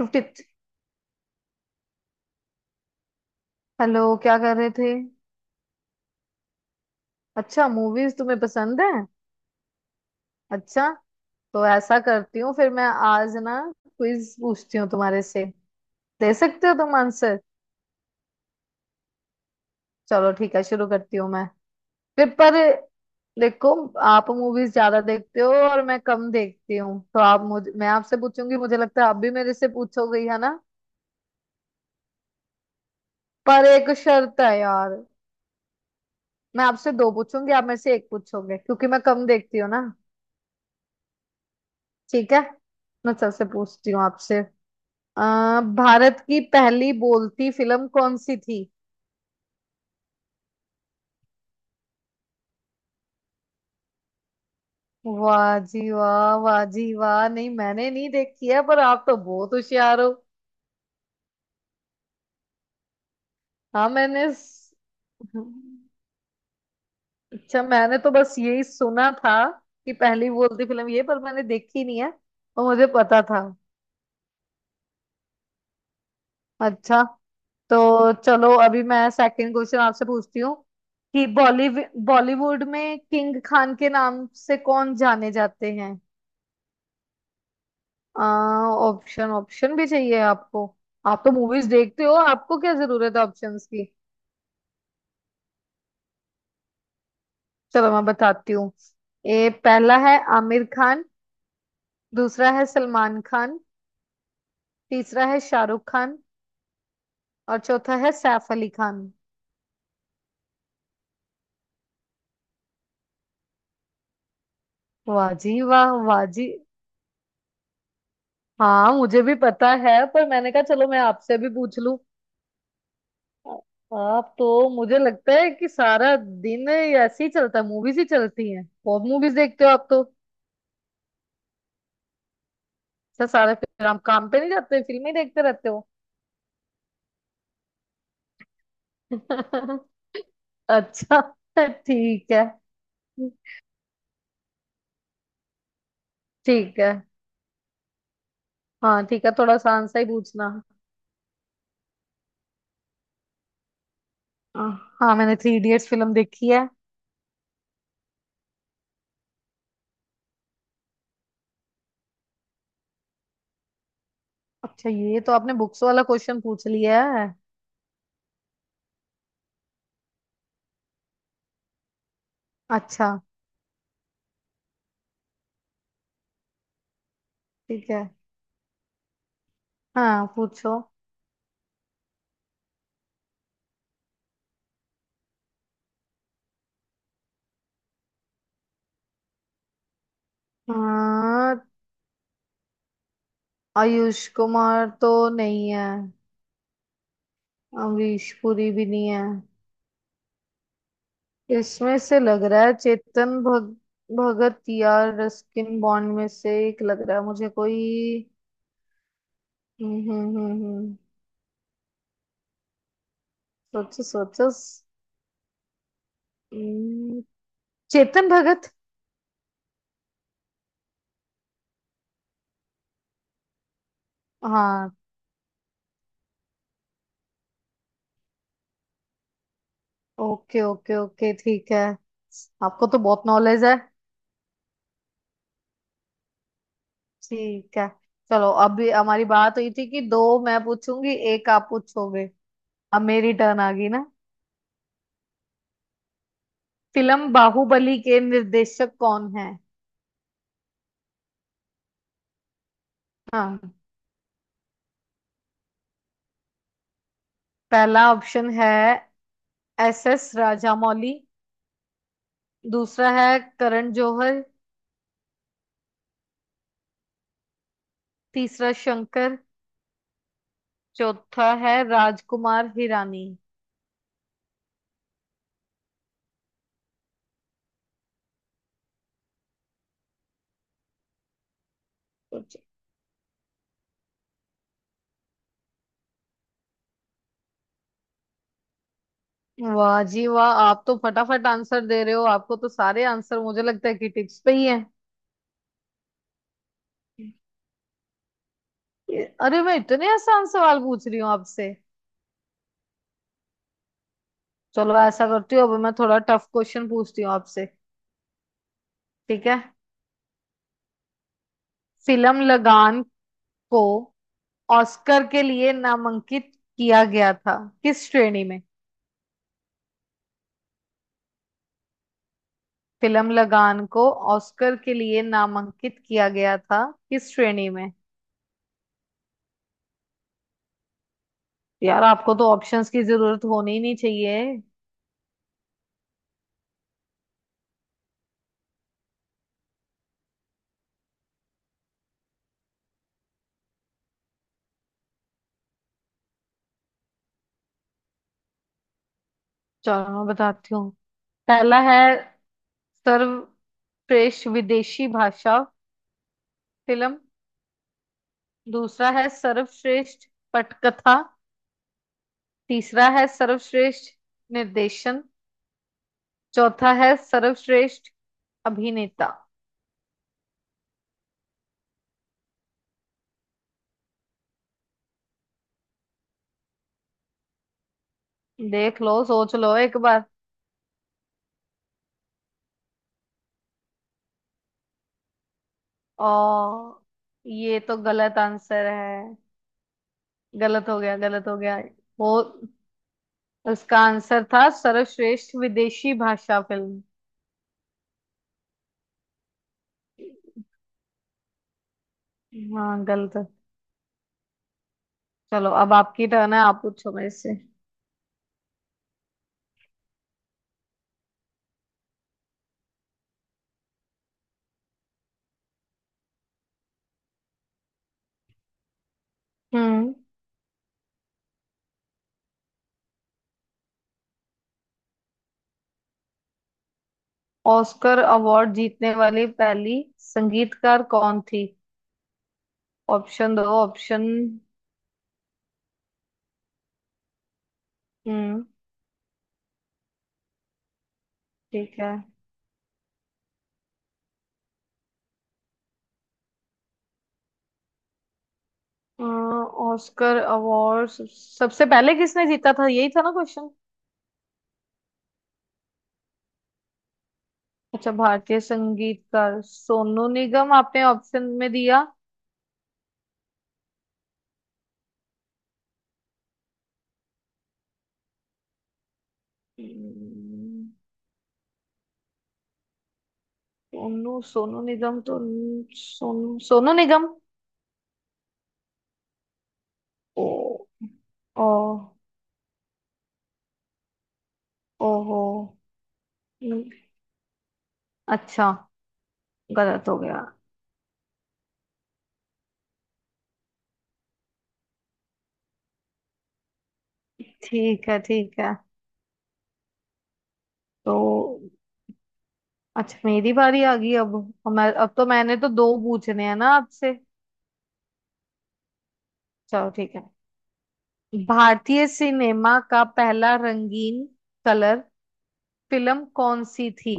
Fifty. Hello, क्या कर रहे थे। अच्छा, मूवीज तुम्हें पसंद है। अच्छा। तो ऐसा करती हूँ फिर मैं आज ना, क्विज पूछती हूँ तुम्हारे से। दे सकते हो तुम आंसर। चलो ठीक है, शुरू करती हूँ मैं। फिर पर देखो, आप मूवीज ज्यादा देखते हो और मैं कम देखती हूँ, तो आप मुझ मैं आपसे पूछूंगी। मुझे लगता है आप भी मेरे से पूछोगे ही, है ना। पर एक शर्त है यार। मैं आपसे दो पूछूंगी, आप मेरे से एक पूछोगे, क्योंकि मैं कम देखती हूँ ना। ठीक है, मैं सबसे पूछती हूँ आपसे। अ, भारत की पहली बोलती फिल्म कौन सी थी। वाह जी वाह, वाह जी वाह, नहीं मैंने नहीं देखी है, पर आप तो बहुत होशियार हो। हाँ मैंने स- अच्छा मैंने तो बस यही सुना था कि पहली बोलती फिल्म ये, पर मैंने देखी नहीं है। और मुझे पता था। अच्छा, तो चलो अभी मैं सेकंड क्वेश्चन आपसे पूछती हूँ कि बॉलीवुड बॉलीवुड में किंग खान के नाम से कौन जाने जाते हैं। ऑप्शन ऑप्शन भी चाहिए आपको। आप तो मूवीज देखते हो, आपको क्या जरूरत है ऑप्शंस की। चलो मैं बताती हूँ। ए, पहला है आमिर खान। दूसरा है सलमान खान। तीसरा है शाहरुख खान। और चौथा है सैफ अली खान। वाह जी वाह, वाह जी। हाँ मुझे भी पता है, पर मैंने कहा चलो मैं आपसे भी पूछ लूं। आप तो मुझे लगता है कि सारा दिन ऐसे ही चलता है, मूवीज ही चलती हैं, बहुत मूवीज देखते हो आप तो। अच्छा, सारे फिर आप काम पे नहीं जाते, फिल्में ही देखते रहते हो। अच्छा। ठीक है। ठीक है, हाँ ठीक है, थोड़ा आसान सा ही पूछना। आ, हाँ मैंने थ्री इडियट्स फिल्म देखी है। अच्छा, ये तो आपने बुक्स वाला क्वेश्चन पूछ लिया है। अच्छा, ठीक है, हाँ पूछो। हाँ, आयुष कुमार तो नहीं है। अमरीश पुरी भी नहीं है। इसमें से लग रहा है भगत या रस्किन बॉन्ड में से एक लग रहा है मुझे कोई। हम्म हम्म हम्म हम्म, सोचो सोचो। हम्म, चेतन भगत। हाँ, ओके ओके ओके, ठीक है। आपको तो बहुत नॉलेज है। ठीक है। चलो अभी हमारी बात हुई थी कि दो मैं पूछूंगी, एक आप पूछोगे। अब मेरी टर्न आ गई ना। फिल्म बाहुबली के निर्देशक कौन है। हाँ। पहला ऑप्शन है एस एस राजामौली। दूसरा है करण जौहर। तीसरा शंकर। चौथा है राजकुमार हिरानी। सोचो। वाह जी वाह, आप तो फटाफट आंसर दे रहे हो, आपको तो सारे आंसर मुझे लगता है कि टिप्स पे ही हैं। अरे मैं इतने आसान सवाल पूछ रही हूँ आपसे। चलो ऐसा करती हूँ, अब मैं थोड़ा टफ क्वेश्चन पूछती हूँ आपसे। ठीक है। फिल्म लगान को ऑस्कर के लिए नामांकित किया गया था किस श्रेणी में। फिल्म लगान को ऑस्कर के लिए नामांकित किया गया था किस श्रेणी में। यार आपको तो ऑप्शंस की जरूरत होनी ही नहीं चाहिए। चलो मैं बताती हूँ। पहला है सर्वश्रेष्ठ विदेशी भाषा फिल्म। दूसरा है सर्वश्रेष्ठ पटकथा। तीसरा है सर्वश्रेष्ठ निर्देशन। चौथा है सर्वश्रेष्ठ अभिनेता। देख लो, सोच लो एक बार। और ये तो गलत आंसर है। गलत हो गया, गलत हो गया। वो, उसका आंसर था सर्वश्रेष्ठ विदेशी भाषा फिल्म। हाँ गलत है। चलो अब आपकी टर्न है, आप पूछो मेरे से। हम्म। ऑस्कर अवार्ड जीतने वाली पहली संगीतकार कौन थी। ऑप्शन दो ऑप्शन। हम्म, ठीक है। ऑस्कर अवार्ड सबसे पहले किसने जीता था, यही था ना क्वेश्चन। अच्छा, भारतीय संगीतकार सोनू निगम आपने ऑप्शन में दिया। हम्म, सोनू सोनू निगम तो सोनू सोनू निगम। ओ। ओ। ओहो। न- अच्छा, गलत हो गया। ठीक है, ठीक है। तो अच्छा, मेरी बारी आ गई अब। और मैं, अब तो मैंने तो दो पूछने हैं ना आपसे। चलो ठीक है। भारतीय सिनेमा का पहला रंगीन, कलर फिल्म कौन सी थी।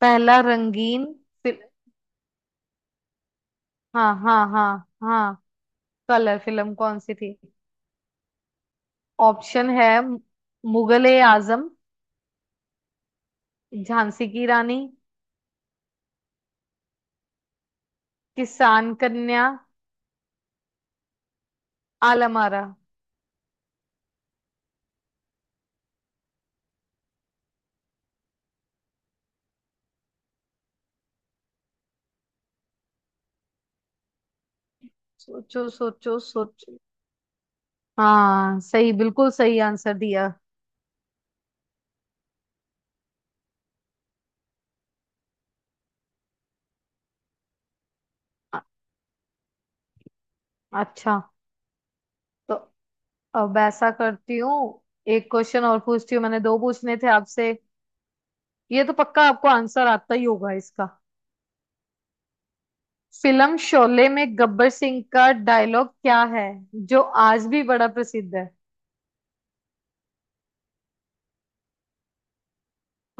पहला रंगीन फिल्म, हाँ हाँ हाँ हाँ, कलर फिल्म कौन सी थी। ऑप्शन है मुगले आजम, झांसी की रानी, किसान कन्या, आलम आरा। सोचो सोचो सोचो। हाँ सही, बिल्कुल सही आंसर दिया। अ- अच्छा। तो अब ऐसा करती हूँ, एक क्वेश्चन और पूछती हूँ, मैंने दो पूछने थे आपसे। ये तो पक्का आपको आंसर आता ही होगा इसका। फिल्म शोले में गब्बर सिंह का डायलॉग क्या है, जो आज भी बड़ा प्रसिद्ध है।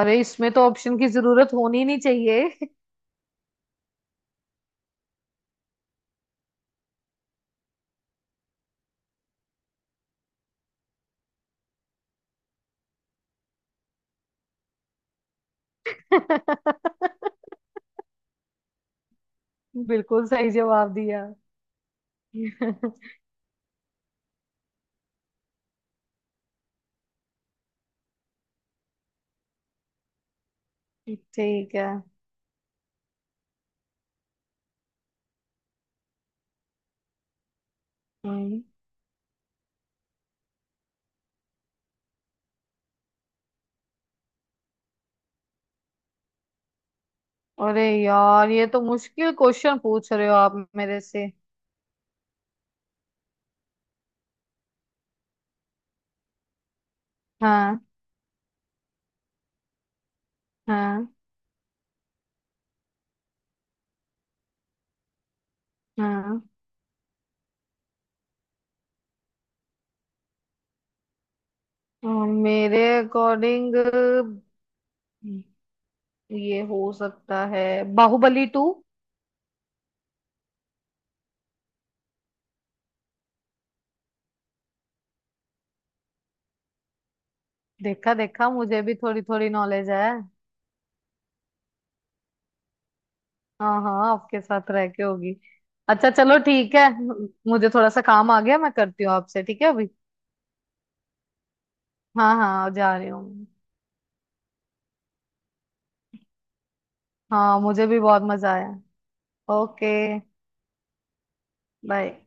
अरे इसमें तो ऑप्शन की जरूरत होनी नहीं चाहिए। बिल्कुल सही जवाब दिया। ठीक है। हम्म, अरे यार ये तो मुश्किल क्वेश्चन पूछ रहे हो आप मेरे से। हाँ हाँ हाँ। और मेरे अकॉर्डिंग ये हो सकता है बाहुबली टू। देखा देखा, मुझे भी थोड़ी थोड़ी नॉलेज है। हाँ हाँ, आपके साथ रह के होगी। अच्छा चलो ठीक है, मुझे थोड़ा सा काम आ गया, मैं करती हूँ आपसे, ठीक है अभी। हाँ हाँ जा रही हूँ। हाँ मुझे भी बहुत मजा आया। ओके। बाय।